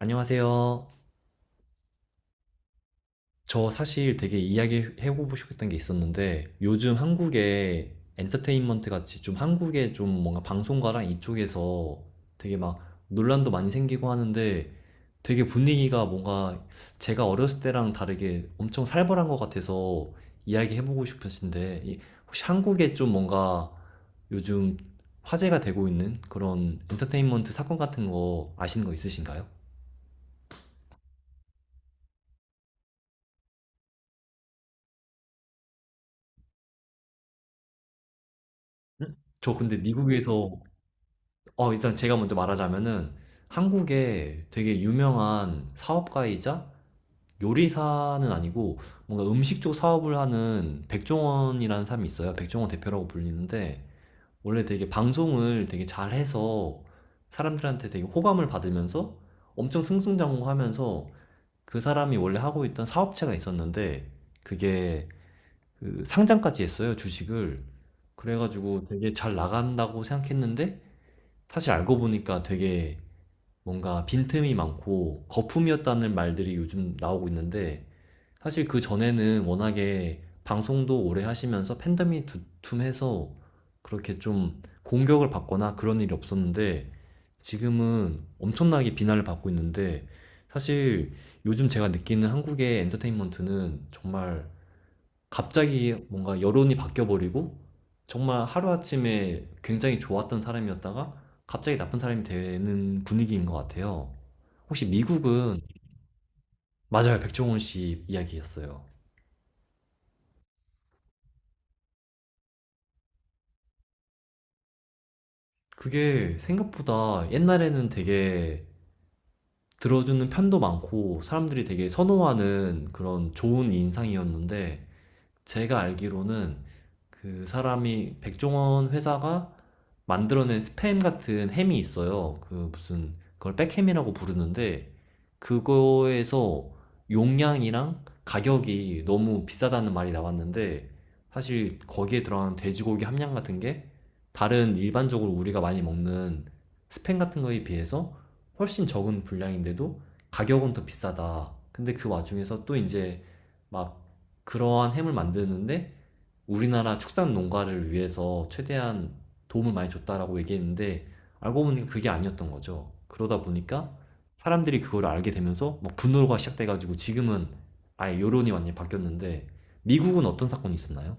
안녕하세요. 저 사실 되게 이야기해보고 싶었던 게 있었는데 요즘 한국의 엔터테인먼트 같이 좀 한국의 좀 뭔가 방송가랑 이쪽에서 되게 막 논란도 많이 생기고 하는데 되게 분위기가 뭔가 제가 어렸을 때랑 다르게 엄청 살벌한 것 같아서 이야기해보고 싶으신데 혹시 한국에 좀 뭔가 요즘 화제가 되고 있는 그런 엔터테인먼트 사건 같은 거 아시는 거 있으신가요? 저 근데 미국에서 어, 일단 제가 먼저 말하자면은 한국에 되게 유명한 사업가이자 요리사는 아니고 뭔가 음식 쪽 사업을 하는 백종원이라는 사람이 있어요. 백종원 대표라고 불리는데 원래 되게 방송을 되게 잘해서 사람들한테 되게 호감을 받으면서 엄청 승승장구하면서 그 사람이 원래 하고 있던 사업체가 있었는데 그게 그 상장까지 했어요, 주식을. 그래가지고 되게 잘 나간다고 생각했는데 사실 알고 보니까 되게 뭔가 빈틈이 많고 거품이었다는 말들이 요즘 나오고 있는데 사실 그 전에는 워낙에 방송도 오래 하시면서 팬덤이 두툼해서 그렇게 좀 공격을 받거나 그런 일이 없었는데 지금은 엄청나게 비난을 받고 있는데 사실 요즘 제가 느끼는 한국의 엔터테인먼트는 정말 갑자기 뭔가 여론이 바뀌어버리고 정말 하루아침에 굉장히 좋았던 사람이었다가 갑자기 나쁜 사람이 되는 분위기인 것 같아요. 혹시 미국은, 맞아요. 백종원 씨 이야기였어요. 그게 생각보다 옛날에는 되게 들어주는 편도 많고 사람들이 되게 선호하는 그런 좋은 인상이었는데 제가 알기로는 그 사람이 백종원 회사가 만들어낸 스팸 같은 햄이 있어요. 그 무슨 그걸 백햄이라고 부르는데 그거에서 용량이랑 가격이 너무 비싸다는 말이 나왔는데 사실 거기에 들어간 돼지고기 함량 같은 게 다른 일반적으로 우리가 많이 먹는 스팸 같은 거에 비해서 훨씬 적은 분량인데도 가격은 더 비싸다. 근데 그 와중에서 또 이제 막 그러한 햄을 만드는데 우리나라 축산 농가를 위해서 최대한 도움을 많이 줬다라고 얘기했는데 알고 보니 그게 아니었던 거죠. 그러다 보니까 사람들이 그걸 알게 되면서 막 분노가 시작돼가지고 지금은 아예 여론이 완전히 바뀌었는데 미국은 어떤 사건이 있었나요?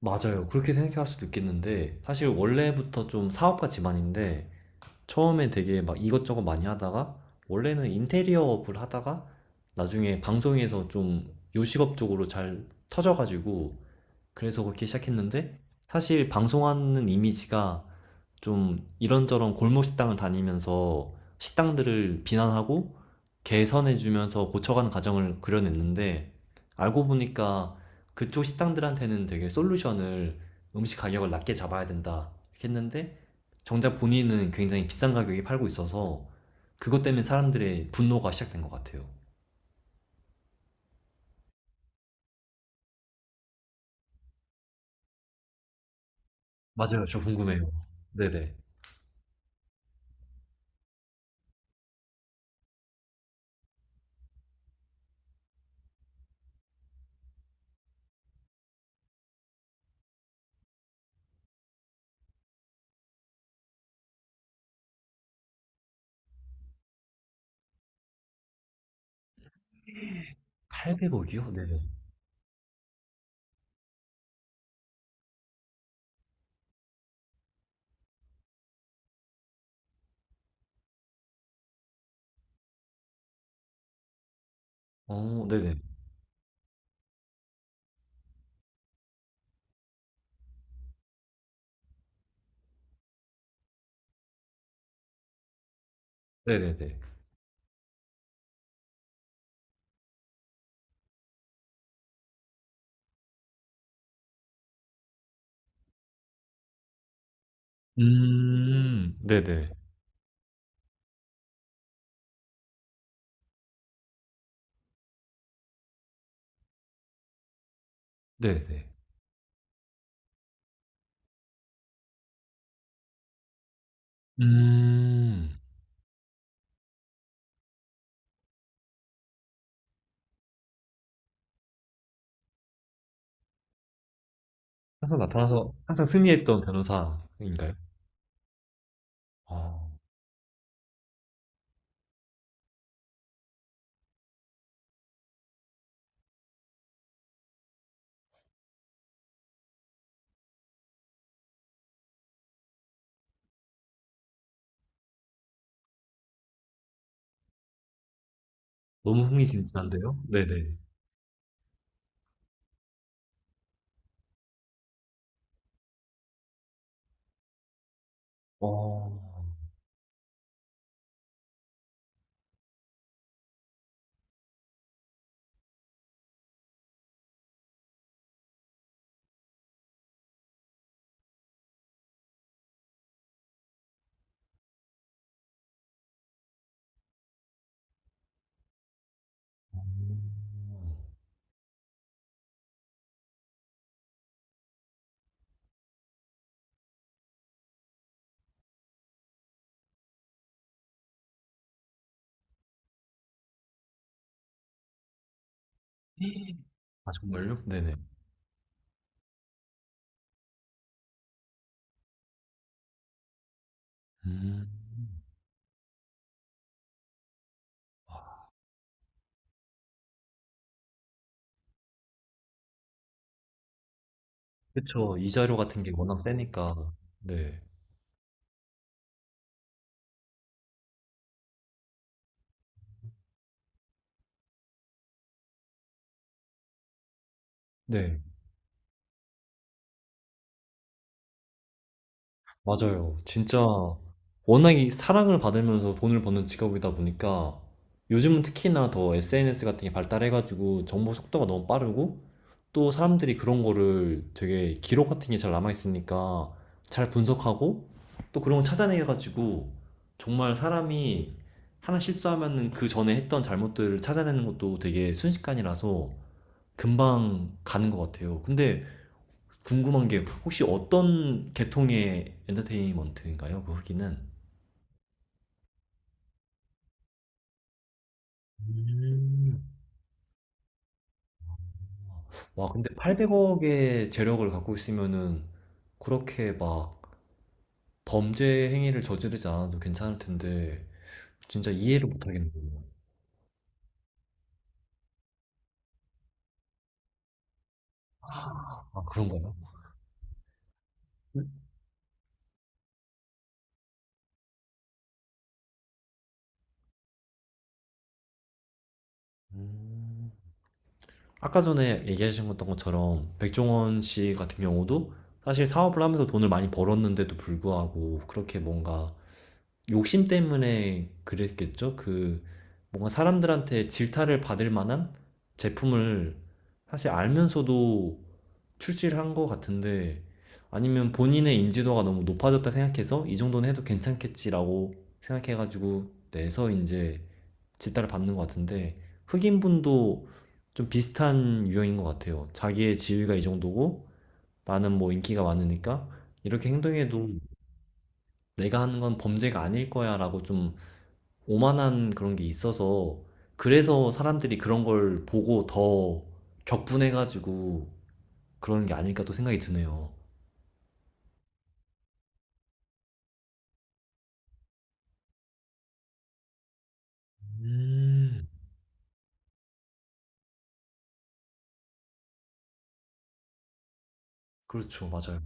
맞아요. 그렇게 생각할 수도 있겠는데 사실 원래부터 좀 사업가 집안인데 처음에 되게 막 이것저것 많이 하다가 원래는 인테리어업을 하다가 나중에 방송에서 좀 요식업 쪽으로 잘 터져가지고 그래서 그렇게 시작했는데 사실 방송하는 이미지가 좀 이런저런 골목 식당을 다니면서 식당들을 비난하고 개선해주면서 고쳐가는 과정을 그려냈는데 알고 보니까 그쪽 식당들한테는 되게 솔루션을 음식 가격을 낮게 잡아야 된다 이렇게 했는데 정작 본인은 굉장히 비싼 가격에 팔고 있어서 그것 때문에 사람들의 분노가 시작된 것 같아요. 맞아요. 저 궁금해요. 네네. 800억이요? 네네. 어, 네네. 네네네. 네네. 네네. 음. 항상 나타나서 항상 승리했던 변호사인가요? 아, 너무 흥미진진한데요? 네네. 어. 아 정말요? 네네. 음. 아, 그쵸. 이자료 같은 게 워낙 세니까. 네. 네. 맞아요. 진짜 워낙 이 사랑을 받으면서 돈을 버는 직업이다 보니까 요즘은 특히나 더 SNS 같은 게 발달해 가지고 정보 속도가 너무 빠르고 또 사람들이 그런 거를 되게 기록 같은 게 잘 남아있으니까 잘 분석하고 또 그런 거 찾아내가지고 정말 사람이 하나 실수하면은 그 전에 했던 잘못들을 찾아내는 것도 되게 순식간이라서 금방 가는 것 같아요. 근데 궁금한 게 혹시 어떤 계통의 엔터테인먼트인가요? 그 후기는? 음. 와, 근데 800억의 재력을 갖고 있으면은 그렇게 막 범죄 행위를 저지르지 않아도 괜찮을 텐데 진짜 이해를 못 하겠네요. 아, 그런가요? 음, 아까 전에 얘기하신 것던 것처럼 백종원 씨 같은 경우도 사실 사업을 하면서 돈을 많이 벌었는데도 불구하고 그렇게 뭔가 욕심 때문에 그랬겠죠? 그 뭔가 사람들한테 질타를 받을 만한 제품을 사실 알면서도 출시를 한 것 같은데 아니면 본인의 인지도가 너무 높아졌다 생각해서 이 정도는 해도 괜찮겠지라고 생각해가지고 내서 이제 질타를 받는 것 같은데 흑인분도 좀 비슷한 유형인 것 같아요. 자기의 지위가 이 정도고 나는 뭐 인기가 많으니까 이렇게 행동해도 내가 하는 건 범죄가 아닐 거야라고 좀 오만한 그런 게 있어서 그래서 사람들이 그런 걸 보고 더 격분해가지고 그런 게 아닐까 또 생각이 드네요. 음, 그렇죠, 맞아요.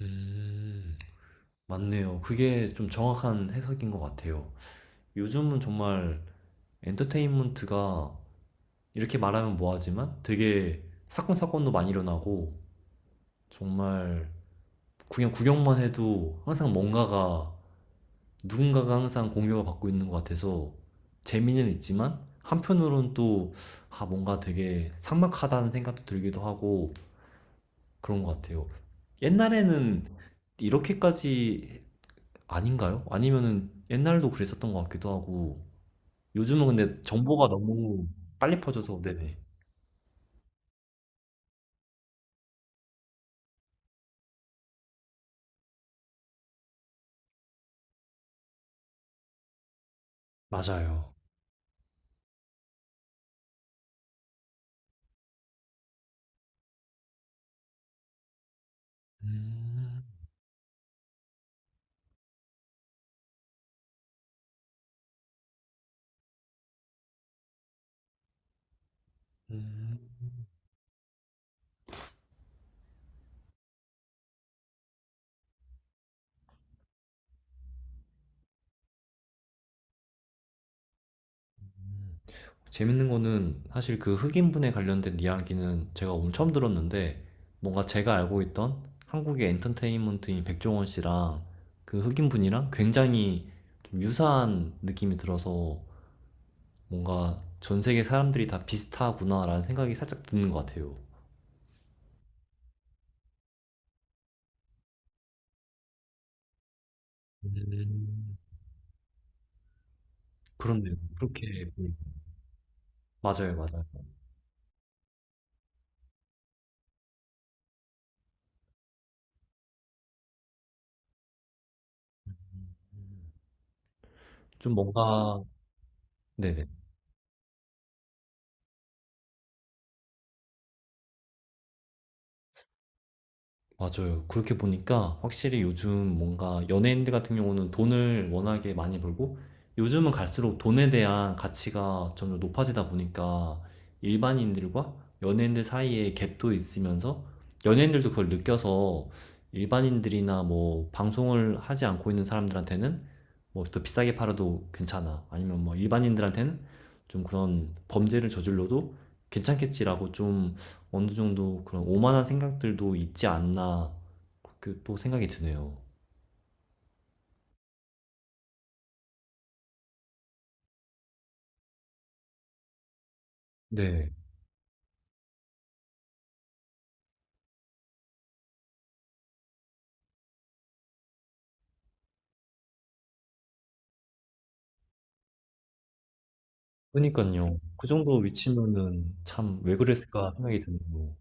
음, 맞네요. 그게 좀 정확한 해석인 것 같아요. 요즘은 정말 엔터테인먼트가 이렇게 말하면 뭐하지만 되게 사건 사건도 많이 일어나고 정말 그냥 구경만 해도 항상 뭔가가 누군가가 항상 공격을 받고 있는 것 같아서 재미는 있지만 한편으로는 또 아, 뭔가 되게 삭막하다는 생각도 들기도 하고 그런 것 같아요. 옛날에는 이렇게까지 아닌가요? 아니면은 옛날도 그랬었던 것 같기도 하고 요즘은 근데 정보가 너무 빨리 퍼져서 네네. 맞아요. 음, 음. 재밌는 거는 사실 그 흑인분에 관련된 이야기는 제가 오늘 처음 들었는데 뭔가 제가 알고 있던 한국의 엔터테인먼트인 백종원 씨랑 그 흑인분이랑 굉장히 좀 유사한 느낌이 들어서 뭔가 전 세계 사람들이 다 비슷하구나라는 생각이 살짝 드는 것 같아요. 음, 그렇네요. 그렇게 보이 맞아요, 맞아요. 좀 뭔가, 네네. 맞아요. 그렇게 보니까 확실히 요즘 뭔가 연예인들 같은 경우는 돈을 워낙에 많이 벌고 요즘은 갈수록 돈에 대한 가치가 점점 높아지다 보니까 일반인들과 연예인들 사이에 갭도 있으면서 연예인들도 그걸 느껴서 일반인들이나 뭐 방송을 하지 않고 있는 사람들한테는 뭐 더 비싸게 팔아도 괜찮아. 아니면 뭐 일반인들한테는 좀 그런 범죄를 저질러도 괜찮겠지라고 좀 어느 정도 그런 오만한 생각들도 있지 않나 그렇게 또 생각이 드네요. 네. 그니깐요. 그 정도 위치면은 참 '왜 그랬을까.' 생각이 드네요.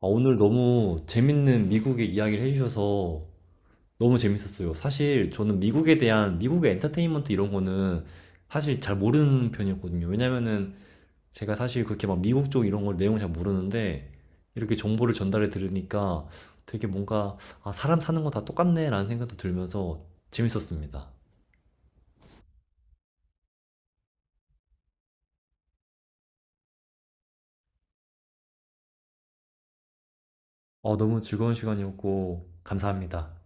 아 오늘 너무 재밌는 미국의 이야기를 해 주셔서 너무 재밌었어요. 사실 저는 미국에 대한 미국의 엔터테인먼트 이런 거는 사실 잘 모르는 편이었거든요. 왜냐면은 제가 사실 그렇게 막 미국 쪽 이런 걸 내용을 잘 모르는데 이렇게 정보를 전달해 들으니까 되게 뭔가 아, 사람 사는 거 다 똑같네 라는 생각도 들면서 재밌었습니다. 어, 너무 즐거운 시간이었고 감사합니다.